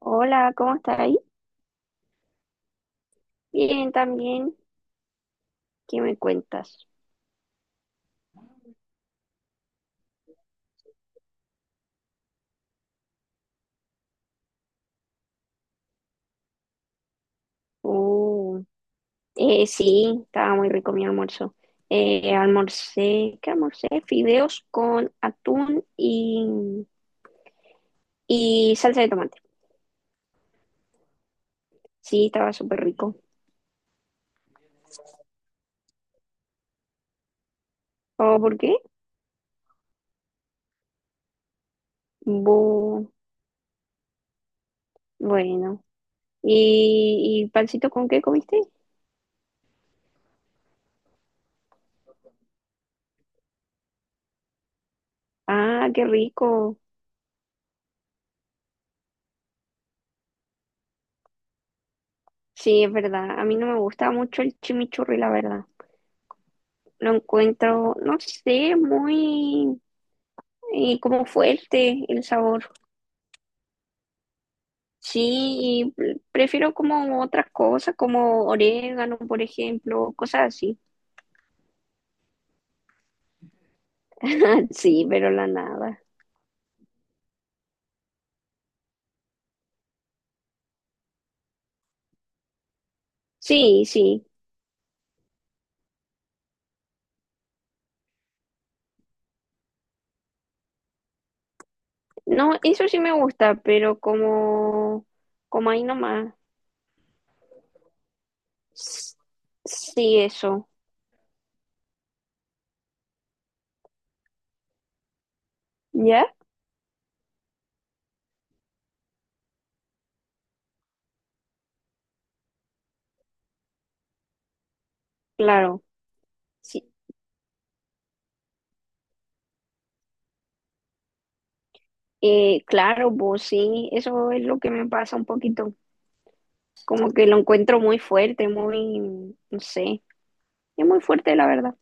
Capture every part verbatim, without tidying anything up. Hola, ¿cómo estás ahí? Bien, también. ¿Qué me cuentas? Uh, eh, sí, estaba muy rico mi almuerzo. Eh, almorcé, ¿qué almorcé? Fideos con atún y, y salsa de tomate. Sí, estaba súper rico. ¿O por qué? Bu- bueno. ¿Y, y pancito con qué comiste? Ah, qué rico. Sí, es verdad. A mí no me gusta mucho el chimichurri, la verdad. Lo encuentro, no sé, muy y como fuerte el sabor. Sí, y pre- prefiero como otras cosas, como orégano, por ejemplo, cosas así. Sí, pero la nada. Sí, sí. No, eso sí me gusta, pero como, como ahí nomás. S- Sí, eso. ¿Ya? Claro. Sí. Eh, claro, pues sí, eso es lo que me pasa un poquito. Como que lo encuentro muy fuerte, muy, no sé, es muy fuerte, la verdad.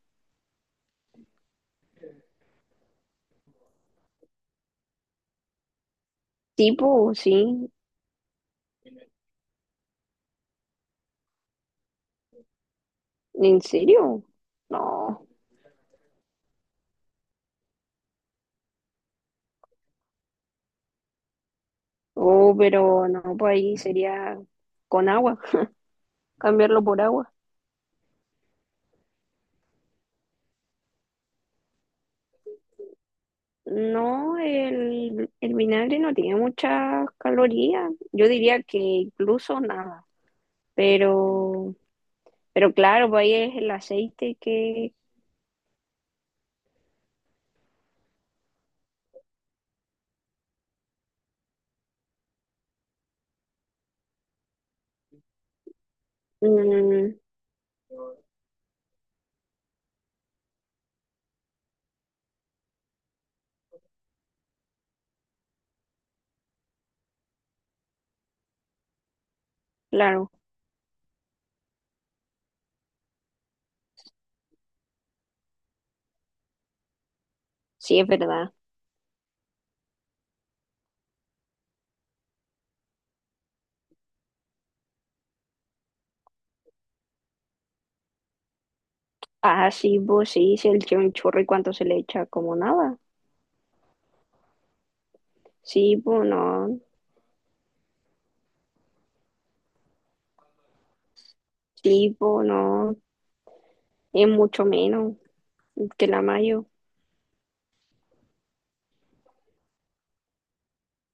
Tipo sí. ¿En serio? No. Oh, pero no, pues ahí sería con agua, cambiarlo por agua. No, el, el vinagre no tiene muchas calorías. Yo diría que incluso nada. Pero, pero claro, pues ahí es el aceite que mm, claro, sí es verdad. Ah, sí, pues sí, se le echa cuánto se le echa, como nada. Sí, pues no. Sí, pues no. Es mucho menos que la mayo.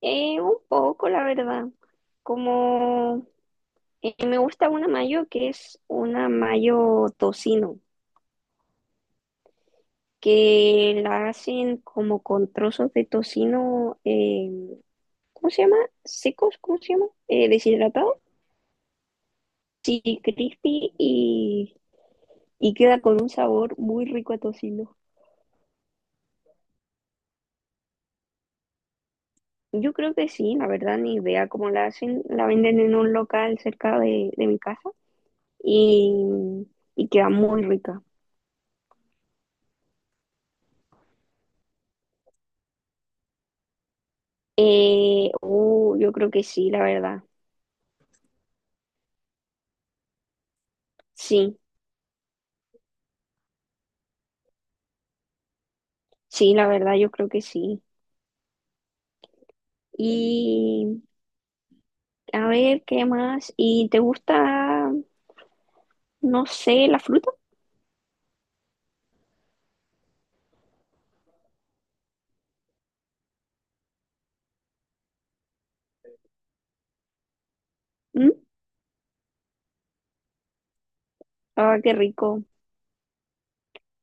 Eh, un poco, la verdad. Como eh, me gusta una mayo que es una mayo tocino, que la hacen como con trozos de tocino, eh, ¿cómo se llama? Secos, ¿cómo se llama? Eh, deshidratado. Sí, crispy y, y queda con un sabor muy rico a tocino. Yo creo que sí, la verdad, ni idea cómo la hacen. La venden en un local cerca de, de mi casa y, y queda muy rica. Eh, uh, yo creo que sí, la verdad. Sí, sí, la verdad, yo creo que sí. Y a ver, ¿qué más? ¿Y te gusta, no sé, la fruta? ¿Mm? Ah, qué rico.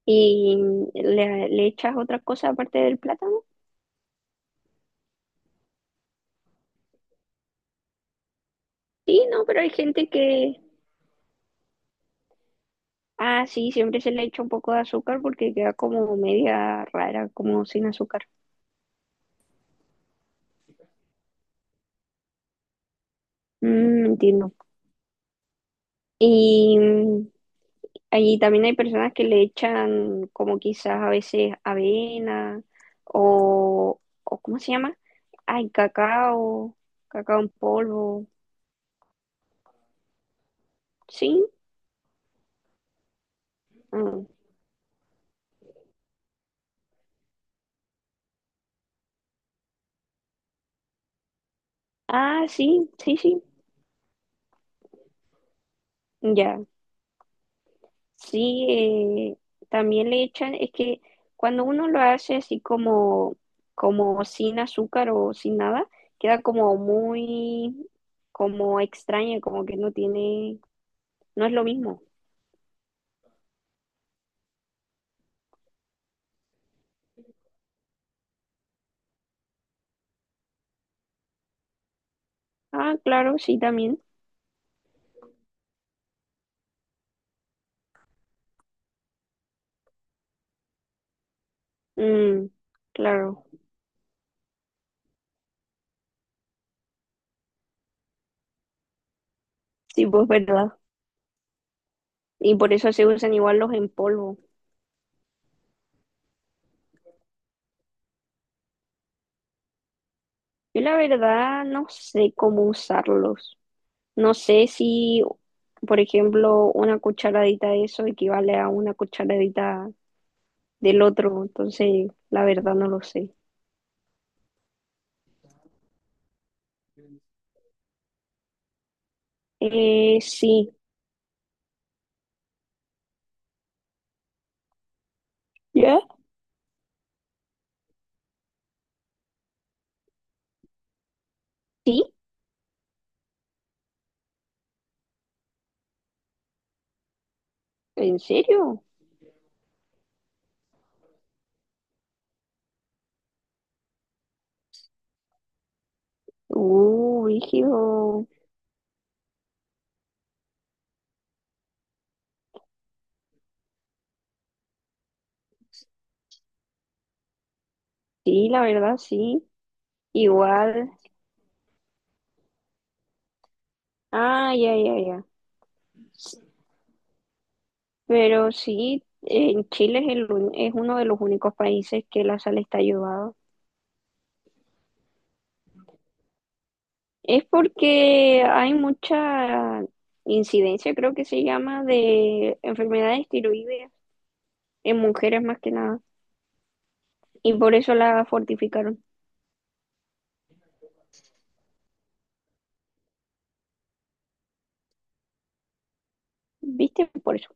¿Y le, le echas otra cosa aparte del plátano? Sí, no, pero hay gente que, ah, sí, siempre se le echa un poco de azúcar porque queda como media rara, como sin azúcar. Mm, entiendo. Y allí también hay personas que le echan como quizás a veces avena o, o ¿cómo se llama? Ay, cacao, cacao en polvo. Sí. Ah, ah, sí, sí, sí. Ya. Sí, eh, también le echan, es que cuando uno lo hace así como, como sin azúcar o sin nada, queda como muy, como extraña, como que no tiene, no es lo mismo. Ah, claro, sí, también. Mm, claro, sí, pues verdad. Y por eso se usan igual los en polvo. Yo la verdad no sé cómo usarlos. No sé si, por ejemplo, una cucharadita de eso equivale a una cucharadita del otro. Entonces, la verdad no lo sé. Eh, sí. ¿Ya? ¿Sí? ¿En serio? Uh, rígido. Sí, la verdad sí. Igual. Ah, ya, ya, ya. Pero sí, en Chile es, el un- es uno de los únicos países que la sal está ayudada. Es porque hay mucha incidencia, creo que se llama, de enfermedades tiroideas en mujeres más que nada. Y por eso la fortificaron. ¿Viste? Por eso.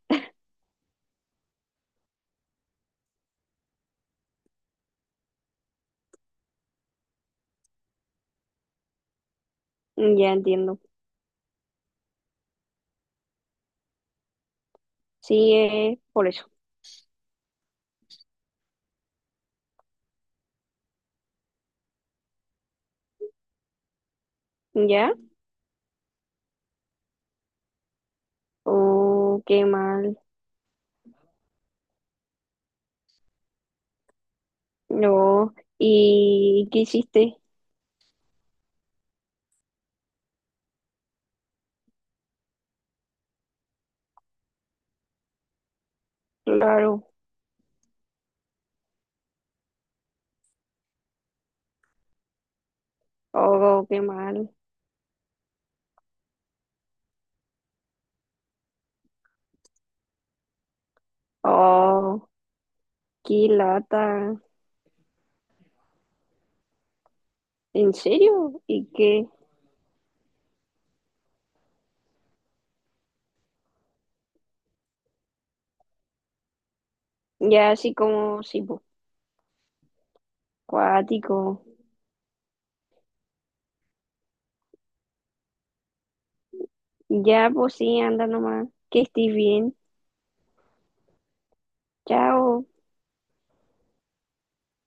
Ya entiendo. Sí, es por eso. ¿Ya? Oh, qué mal. No. ¿Y qué hiciste? Claro. Oh, qué mal. Oh, qué lata. ¿En serio? ¿Y qué? Ya así como, sí, pues, cuático. Ya, pues sí, anda nomás. Que estés bien. Chao.